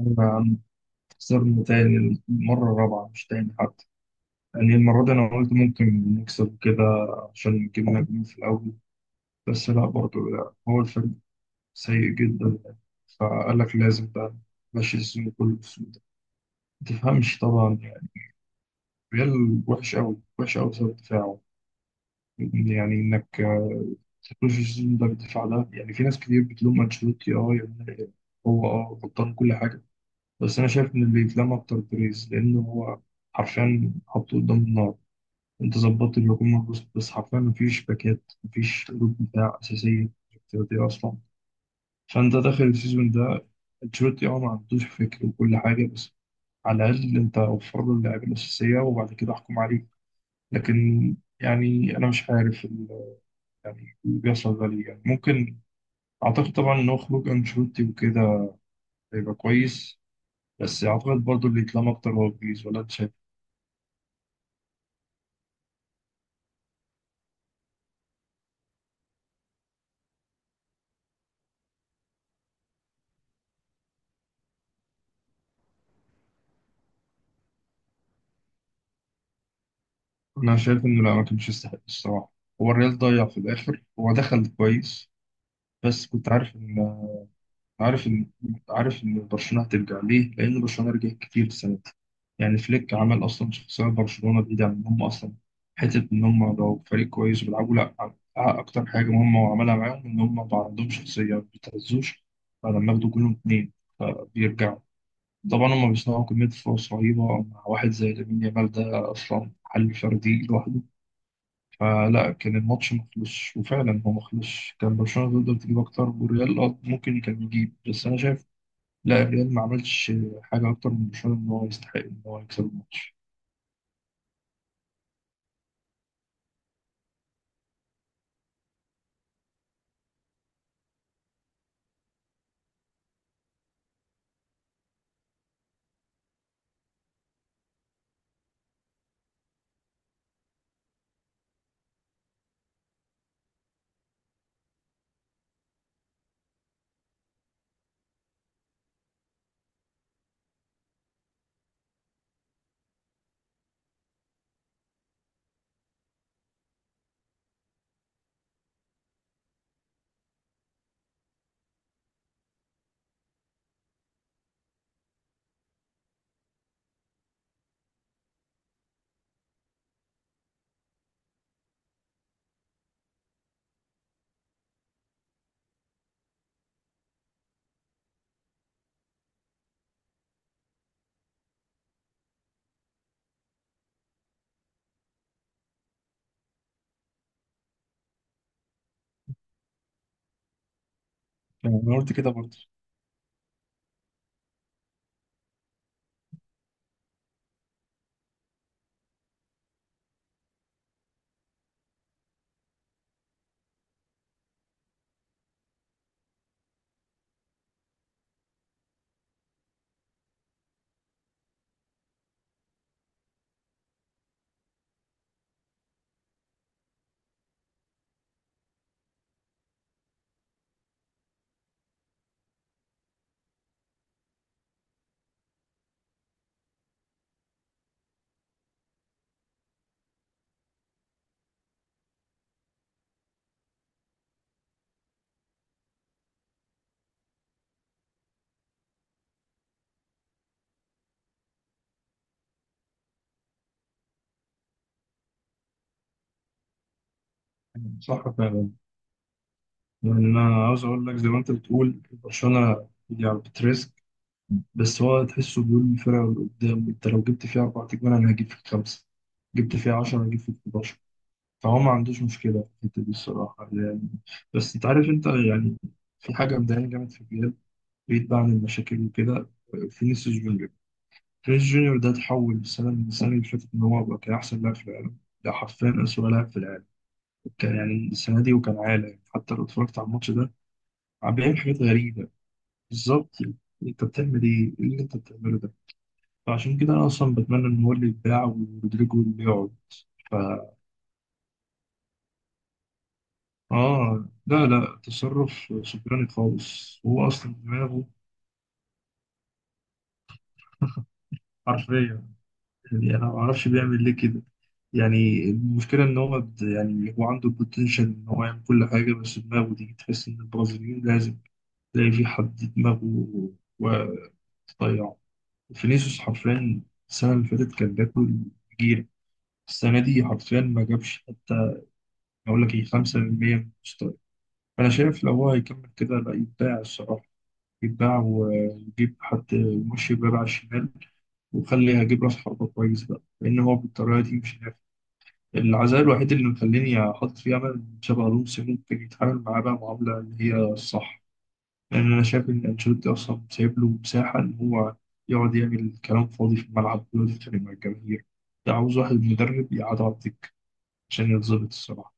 أنا خسرنا تاني، المرة الرابعة مش تاني حتى. يعني المرة دي أنا قلت ممكن نكسب كده عشان جبنا جول في الأول. بس لا برضه، لا هو الفريق سيء جدا. فقال لك لازم بقى ماشي السيزون كله بالسوء ده، ما تفهمش طبعا يعني. ريال وحش أوي وحش أوي بسبب دفاعه. يعني إنك تخش السيزون ده بالدفاع ده. يعني في ناس كتير بتلوم أنشيلوتي، يعني هو غلطان كل حاجة. بس انا شايف ان اللي يتلم اكتر بريز، لانه هو حرفيا حطه قدام النار. انت ظبطت الهجوم والهجوم، بس حرفيا مفيش باكات، مفيش قلوب دفاع اساسيه افتراضيه اصلا. فانت داخل السيزون ده، انشيلوتي ما عندوش فكر وكل حاجه، بس على الاقل انت وفر له اللعيبه الاساسيه وبعد كده احكم عليه. لكن يعني انا مش عارف يعني اللي بيحصل ده ليه. يعني ممكن اعتقد طبعا ان هو خروج انشيلوتي وكده هيبقى كويس. بس اعتقد برضو اللي يتلم اكتر هو بريز، ولا انت شايف؟ أنا شايف إنه لا، ما كانش يستحق الصراحة. هو الريال ضيع في الآخر، هو دخل كويس بس كنت عارف إن عارف إن عارف إن برشلونة هترجع. ليه؟ لأن برشلونة رجعت كتير السنة دي. يعني فليك عمل أصلا شخصية برشلونة، بعيدة عن إن هم أصلا حتة إن هم لو فريق كويس بيلعبوا لا، أكتر حاجة مهمة وعملها معاهم إن هم بقى عندهم شخصية ما بيتهزوش. فلما ياخدوا جولهم اتنين فبيرجعوا. طبعا هم بيصنعوا كمية فرص رهيبة، مع واحد زي لامين يامال ده أصلا حل فردي لوحده. فلا كان الماتش مخلص وفعلا هو مخلص. كان برشلونة تقدر تجيب أكتر، والريال ممكن كان يجيب، بس أنا شايف لا، الريال ما عملش حاجة أكتر من برشلونة إن هو يستحق إن هو يكسب الماتش. يعني أنا قلت كده برضه. صح فعلا. يعني أنا عاوز أقول لك، زي ما أنت بتقول برشلونة يعني بتريسك، بس هو تحسه بيقول للفرقة اللي قدام أنت لو جبت فيها أربع تجوان أنا هجيب فيك خمسة، جبت فيها 10 هجيب فيك. فهو ما عندوش مشكلة في الحتة دي الصراحة يعني. بس أنت عارف أنت يعني في حاجة مضايقاني جامد في الريال، بعيد بقى عن المشاكل وكده، فينيسيوس جونيور. فينيسيوس جونيور ده اتحول السنة من السنة اللي فاتت إن هو بقى كان أحسن لاعب في العالم، ده حرفيا أسوأ لاعب في العالم كان يعني السنة دي. وكان عالي حتى، لو اتفرجت على الماتش ده عم بيعمل حاجات غريبة. بالظبط يعني. أنت بتعمل إيه؟ إيه اللي أنت بتعمله ده؟ فعشان كده أنا أصلا بتمنى إن هو اللي يتباع ورودريجو اللي يقعد. اه لا لا، تصرف سكراني خالص، هو اصلا دماغه حرفيا. يعني انا ما اعرفش بيعمل ليه كده. يعني المشكله ان هو يعني هو عنده البوتنشال ان هو يعمل كل حاجه، بس دماغه دي تحس ان البرازيليين لازم تلاقي في حد دماغه وتضيعه. فينيسيوس حرفيا السنه اللي فاتت كان بياكل جيرة، السنه دي حرفيا ما جابش حتى، اقول لك ايه، 5% من مستواه. فانا شايف لو هو هيكمل كده لا يبدع الصراحه، يتباع ونجيب حد ماشي بقى على الشمال، وخلي هجيب راس حربة كويس بقى لأن هو بالطريقة دي مش نافع. العزاء الوحيد اللي مخليني أحط فيه أمل إن شابي ألونسو ممكن يتعامل معاه بقى معاملة اللي هي الصح. لأن أنا شايف إن أنشيلوتي أصلا سايب له مساحة إن هو يقعد يعمل كلام فاضي في الملعب ويقعد يتخانق مع الجماهير. ده عاوز واحد مدرب يقعد على الدكة عشان يتظبط الصراحة.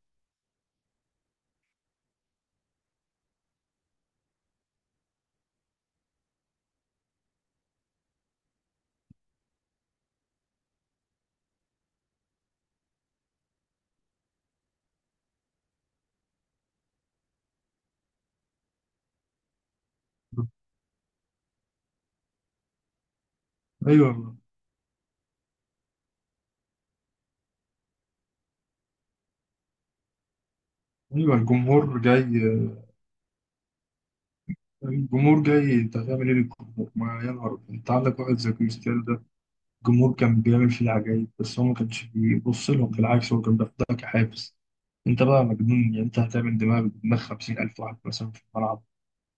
أيوه. أيوه الجمهور جاي. الجمهور جاي، أنت هتعمل إيه للجمهور؟ ما يا نهار أبيض. أنت عندك واحد زي كريستيانو ده، الجمهور كان بيعمل فيه العجايب بس هو ما كانش بيبص لهم، بالعكس هو كان بياخدها كحافز. انت بقى مجنون، يعني انت هتعمل دماغ دماغ 50 ألف واحد مثلا في الملعب.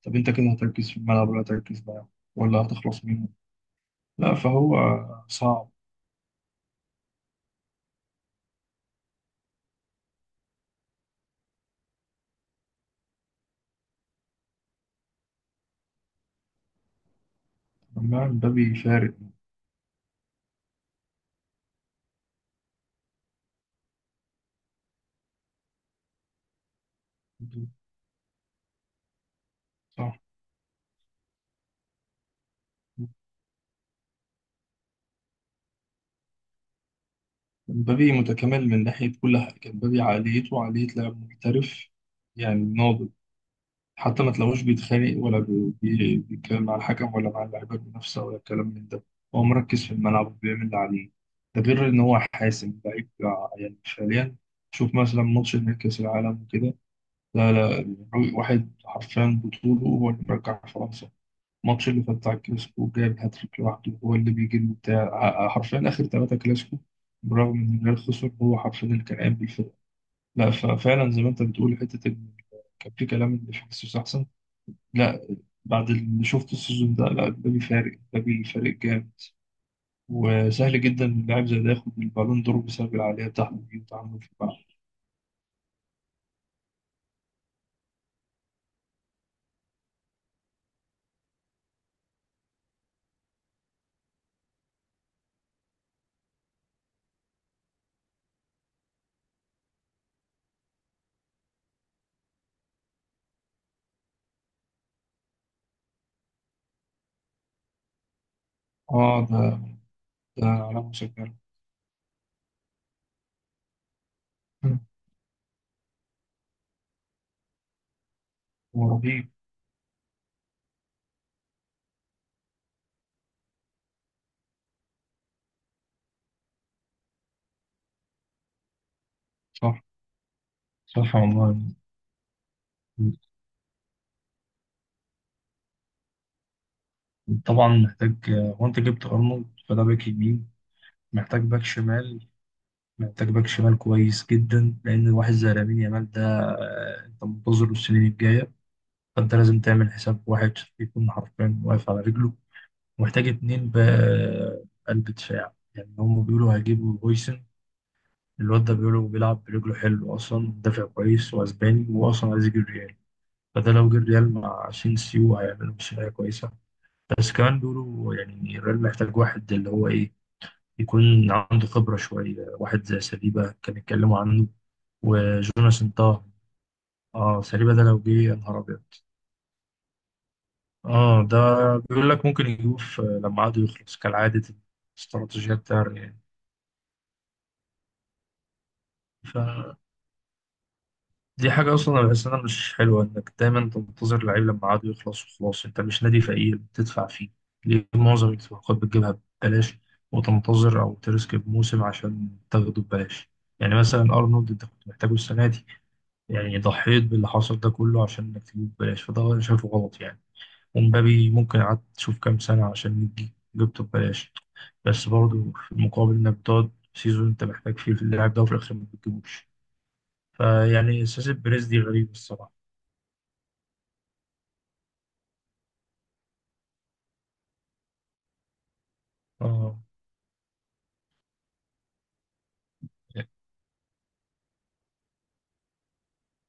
طب انت كده هتركز في الملعب ولا هتركز معاهم ولا هتخلص منهم؟ لا فهو صعب. أما مبابي فارق. صح. مبابي متكامل من ناحية كل حاجة. مبابي عقليته عقلية لاعب محترف، يعني ناضج. حتى ما تلاقوش بيتخانق ولا بيتكلم مع الحكم ولا مع اللعيبه المنافسه ولا الكلام من ده. هو مركز في الملعب وبيعمل اللي عليه. ده غير ان هو حاسم لعيب يعني فعليا. شوف مثلا ماتش نهائي كاس العالم وكده. لا لا، واحد حرفيا بطوله هو اللي مرجع فرنسا. الماتش اللي فات بتاع الكلاسيكو جاب هاتريك لوحده، هو اللي بيجيب بتاع حرفيا اخر ثلاثه كلاسيكو برغم ان الريال خسر، هو حرفيا اللي كان قايم بالفرقه. لا، ففعلا زي ما انت بتقول حته إن كان في كلام ان فينيسيوس احسن، لا. بعد اللي شفت السيزون ده لا، مبابي فارق، مبابي فارق جامد. وسهل جدا إن لاعب زي ده ياخد البالون دور بسبب العقلية بتاعته دي وتعامله في الملعب. اه ده، ده علامة مسجلة. مم. هو رهيب. صح. صح والله. طبعا محتاج، هو انت جبت ارنولد فده باك يمين. محتاج باك شمال، محتاج باك شمال كويس جدا لان واحد زي لامين يامال ده انت منتظره السنين الجايه، فانت لازم تعمل حساب واحد يكون حرفيا واقف على رجله. محتاج اتنين بقلب دفاع، يعني هم بيقولوا هيجيبوا هويسن، الواد ده بيقولوا بيلعب برجله حلو اصلا، دافع كويس واسباني واصلا عايز يجي الريال. فده لو جه الريال مع سينسيو هيعملوا مشاريع كويسه. بس كمان بيقولوا يعني الريال محتاج واحد اللي هو ايه، يكون عنده خبره شويه، واحد زي سليبا كان اتكلموا عنه وجوناس. انتهى. اه سليبا ده لو جه يا نهار ابيض. اه ده بيقول لك ممكن يجيبوه لما عقده يخلص كالعاده. الاستراتيجيه بتاع الريال دي حاجة أصلا أنا بحس إنها مش حلوة، إنك دايما تنتظر اللعيب لما عقده يخلص وخلاص، أنت مش نادي فقير بتدفع فيه. ليه معظم الصفقات بتجيبها ببلاش، وتنتظر أو ترسك بموسم عشان تاخده ببلاش؟ يعني مثلا أرنولد أنت كنت محتاجه السنة دي، يعني ضحيت باللي حصل ده كله عشان إنك تجيبه ببلاش، فده أنا شايفه غلط يعني. ومبابي ممكن قعدت تشوف كام سنة عشان يجي جبته ببلاش، بس برضه في المقابل إنك بتقعد سيزون أنت محتاج فيه في اللاعب ده وفي الآخر ما بتجيبوش. فيعني سياسة بيريز دي غريبة الصراحة. اه.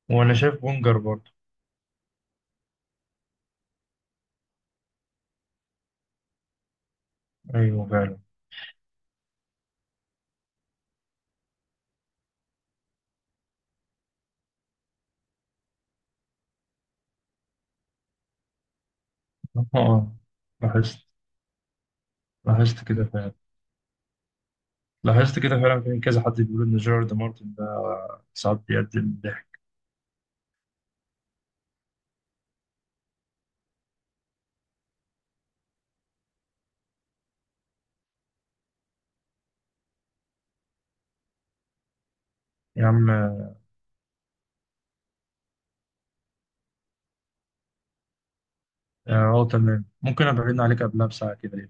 وانا شايف بونجر برضه. ايوه فعلا. اه اه. لاحظت. لاحظت كده فعلا. لاحظت كده فعلا، في كذا حد بيقول ان جيرارد مارتن ده ساعات بيقدم ضحك. يا عم اه. تمام، ممكن ابعدنا عليك قبلها بساعة كده.